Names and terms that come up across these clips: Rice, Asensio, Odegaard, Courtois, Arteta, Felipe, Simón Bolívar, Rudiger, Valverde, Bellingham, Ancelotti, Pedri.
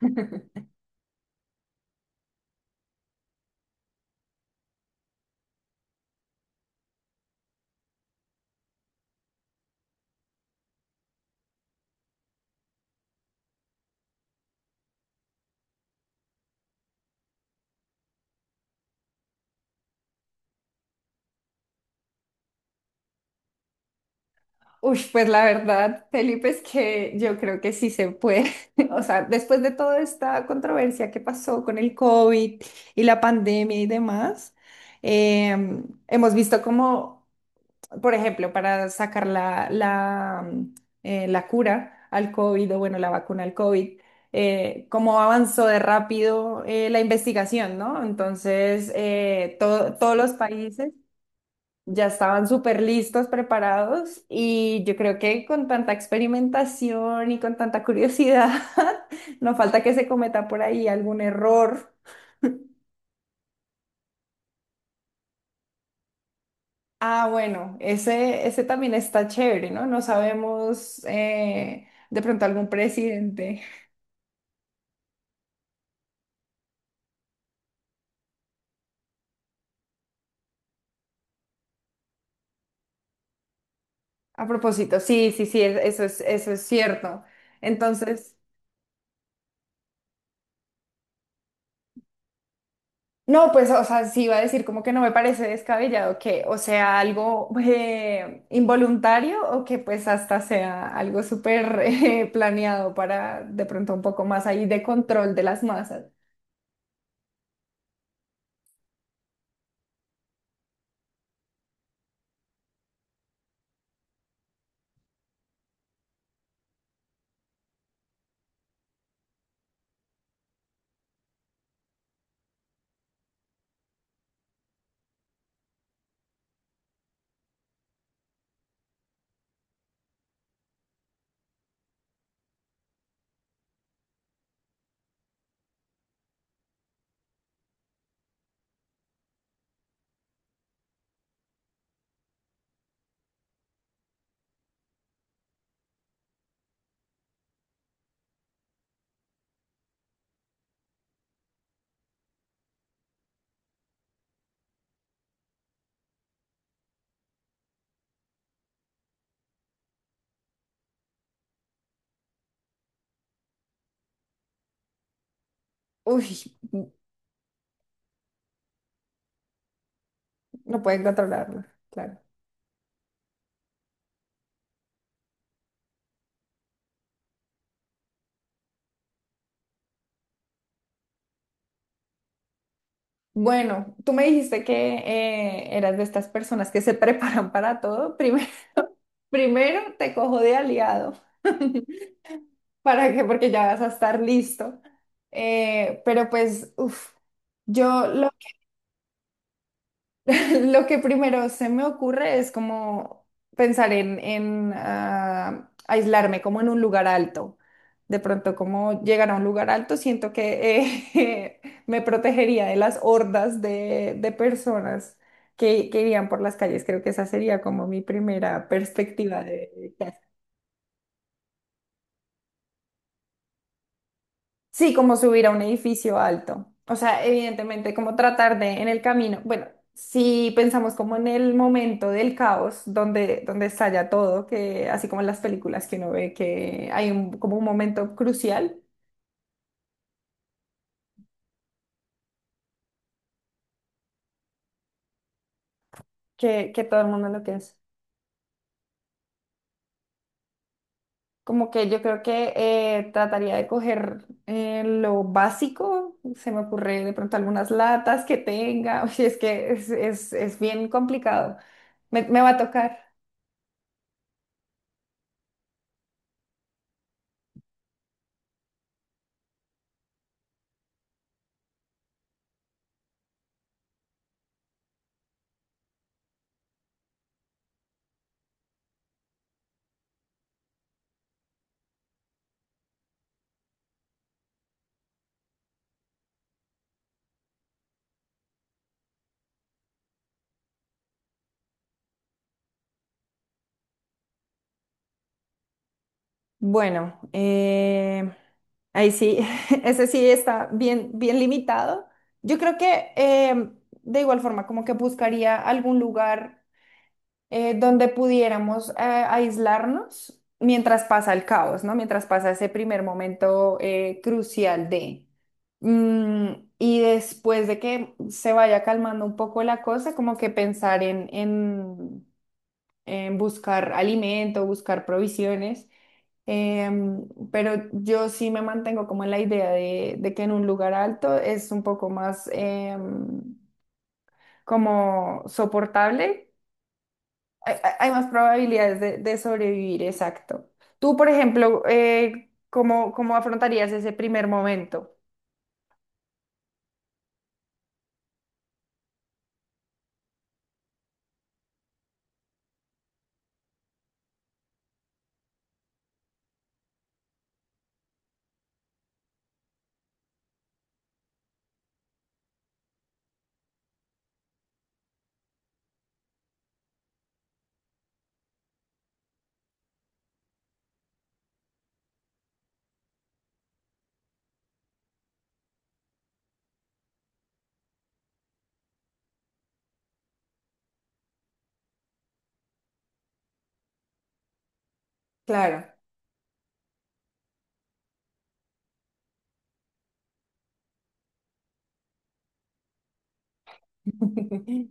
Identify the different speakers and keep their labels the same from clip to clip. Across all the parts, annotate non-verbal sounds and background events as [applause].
Speaker 1: [laughs] Uy, pues la verdad, Felipe, es que yo creo que sí se puede. [laughs] O sea, después de toda esta controversia que pasó con el COVID y la pandemia y demás, hemos visto como, por ejemplo, para sacar la cura al COVID o bueno, la vacuna al COVID, cómo avanzó de rápido, la investigación, ¿no? Entonces, todos los países... ya estaban súper listos, preparados y yo creo que con tanta experimentación y con tanta curiosidad, [laughs] no falta que se cometa por ahí algún error. Ah, bueno, ese también está chévere, ¿no? No sabemos, de pronto algún presidente. A propósito, sí, sí, sí, eso es cierto. Entonces... No, pues, o sea, sí iba a decir como que no me parece descabellado que o sea algo, involuntario o que pues hasta sea algo súper [laughs] planeado para de pronto un poco más ahí de control de las masas. Uy, no pueden controlarlo, claro. Bueno, tú me dijiste que eras de estas personas que se [laughs] preparan para todo. Primero, [laughs] primero te cojo de aliado. [laughs] ¿Para qué? Porque ya vas a estar listo. Pero pues, uff, yo lo [laughs] lo que primero se me ocurre es como pensar en aislarme como en un lugar alto. De pronto, como llegar a un lugar alto, siento que eh, [laughs] me protegería de las hordas de personas que irían por las calles. Creo que esa sería como mi primera perspectiva de sí, como subir a un edificio alto. O sea, evidentemente, como tratar de en el camino. Bueno, si pensamos como en el momento del caos, donde estalla todo, que así como en las películas que uno ve que hay un, como un momento crucial que todo el mundo lo que es. Como que yo creo que trataría de coger lo básico, se me ocurre de pronto algunas latas que tenga, [laughs] o sea, es que es bien complicado. Me va a tocar. Bueno, ahí sí, [laughs] ese sí está bien, bien limitado. Yo creo que de igual forma, como que buscaría algún lugar, donde pudiéramos aislarnos mientras pasa el caos, ¿no? Mientras pasa ese primer momento, crucial de... Mm, y después de que se vaya calmando un poco la cosa, como que pensar en en buscar alimento, buscar provisiones. Pero yo sí me mantengo como en la idea de que en un lugar alto es un poco más, como soportable. Hay más probabilidades de sobrevivir, exacto. Tú, por ejemplo, ¿ cómo afrontarías ese primer momento? Claro. [laughs]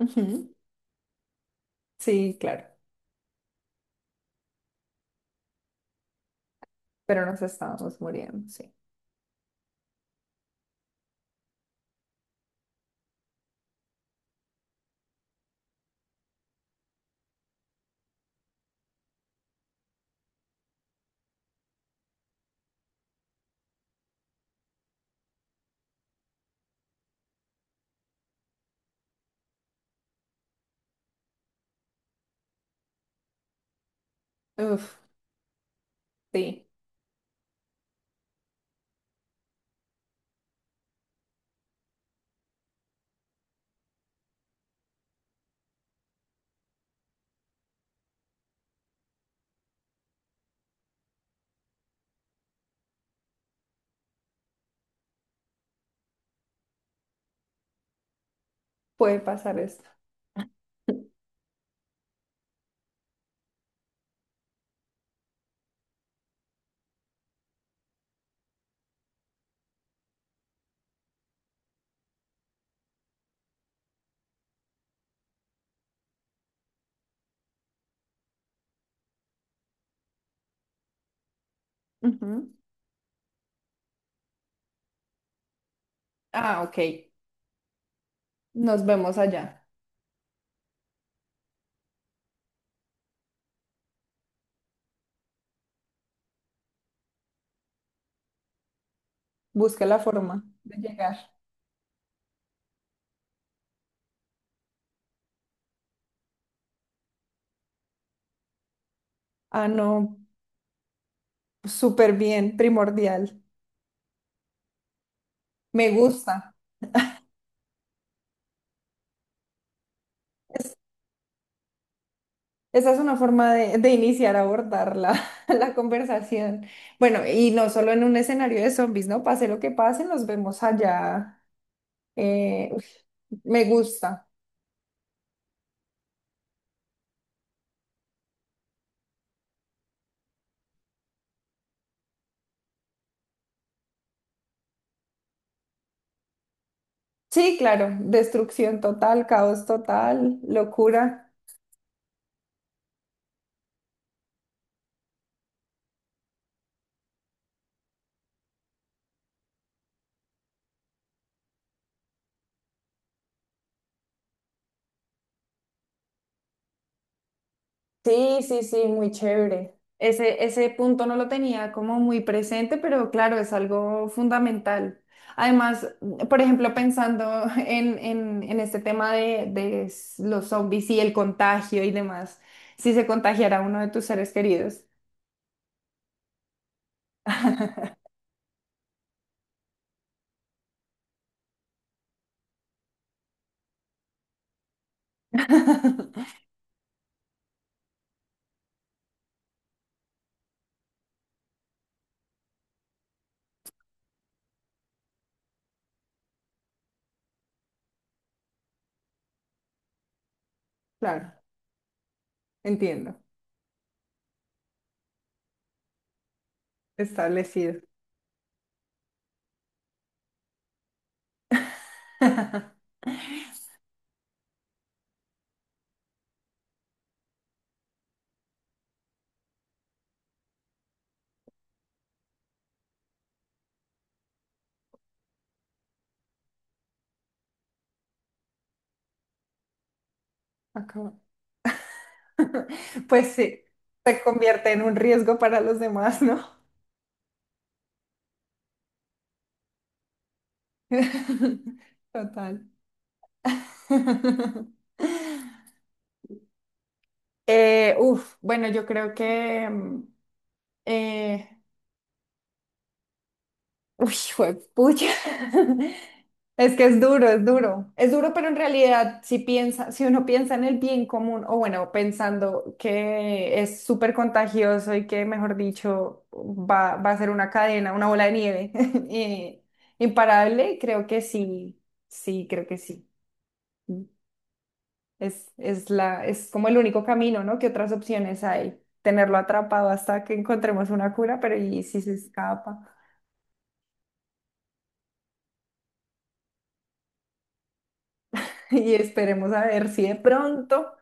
Speaker 1: Ujú. Sí, claro. Pero nos estábamos muriendo, sí. Uf, sí, puede pasar esto. Ujú. Ah, ok. Nos vemos allá. Busca la forma de llegar. Ah, no, súper bien, primordial. Me gusta. Esa es una forma de iniciar a abordar la, [laughs] la conversación. Bueno, y no solo en un escenario de zombies, ¿no? Pase lo que pase, nos vemos allá. Uf, me gusta. Sí, claro, destrucción total, caos total, locura. Sí, sí, sí, muy chévere. Ese punto no lo tenía como muy presente, pero claro, es algo fundamental. Además, por ejemplo, pensando [laughs] en este tema de los zombies y el contagio y demás, si se contagiara uno de tus seres queridos. [laughs] Claro, entiendo, establecido. [laughs] Acabo. [laughs] Pues sí, se convierte en un riesgo para los demás, ¿no? [laughs] Total. [laughs] Uf, bueno, yo creo que... mm, eh, uy, juepucha. [laughs] Es que es duro, es duro. Es duro, pero en realidad, si piensa, si uno piensa en el bien común, o bueno, pensando que es súper contagioso y que, mejor dicho, va a ser una cadena, una bola de nieve [laughs] eh, imparable, creo que sí, sí, creo que sí. Es como el único camino, ¿no? ¿Qué otras opciones hay? Tenerlo atrapado hasta que encontremos una cura, pero ¿y si se escapa? [laughs] Y esperemos a ver si de pronto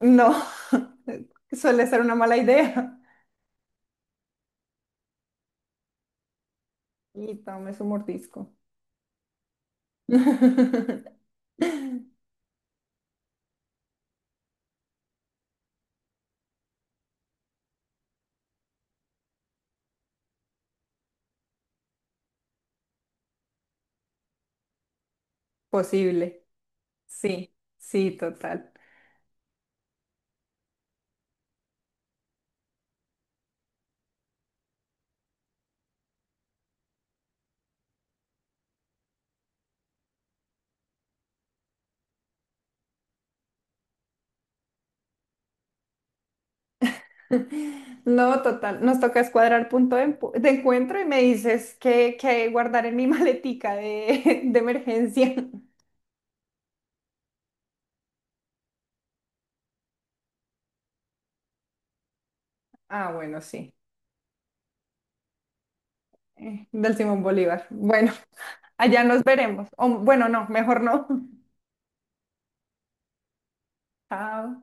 Speaker 1: no, [laughs] suele ser una mala idea. [laughs] Y tome su mordisco. [laughs] Posible. Sí, sí, total. [laughs] No, total. Nos toca escuadrar punto de, de encuentro y me dices que guardar en mi maletica de, [laughs] de emergencia. Ah, bueno, sí. Eh, del Simón Bolívar. Bueno, [laughs] allá nos veremos. O, bueno, no, mejor no. [laughs] Chao.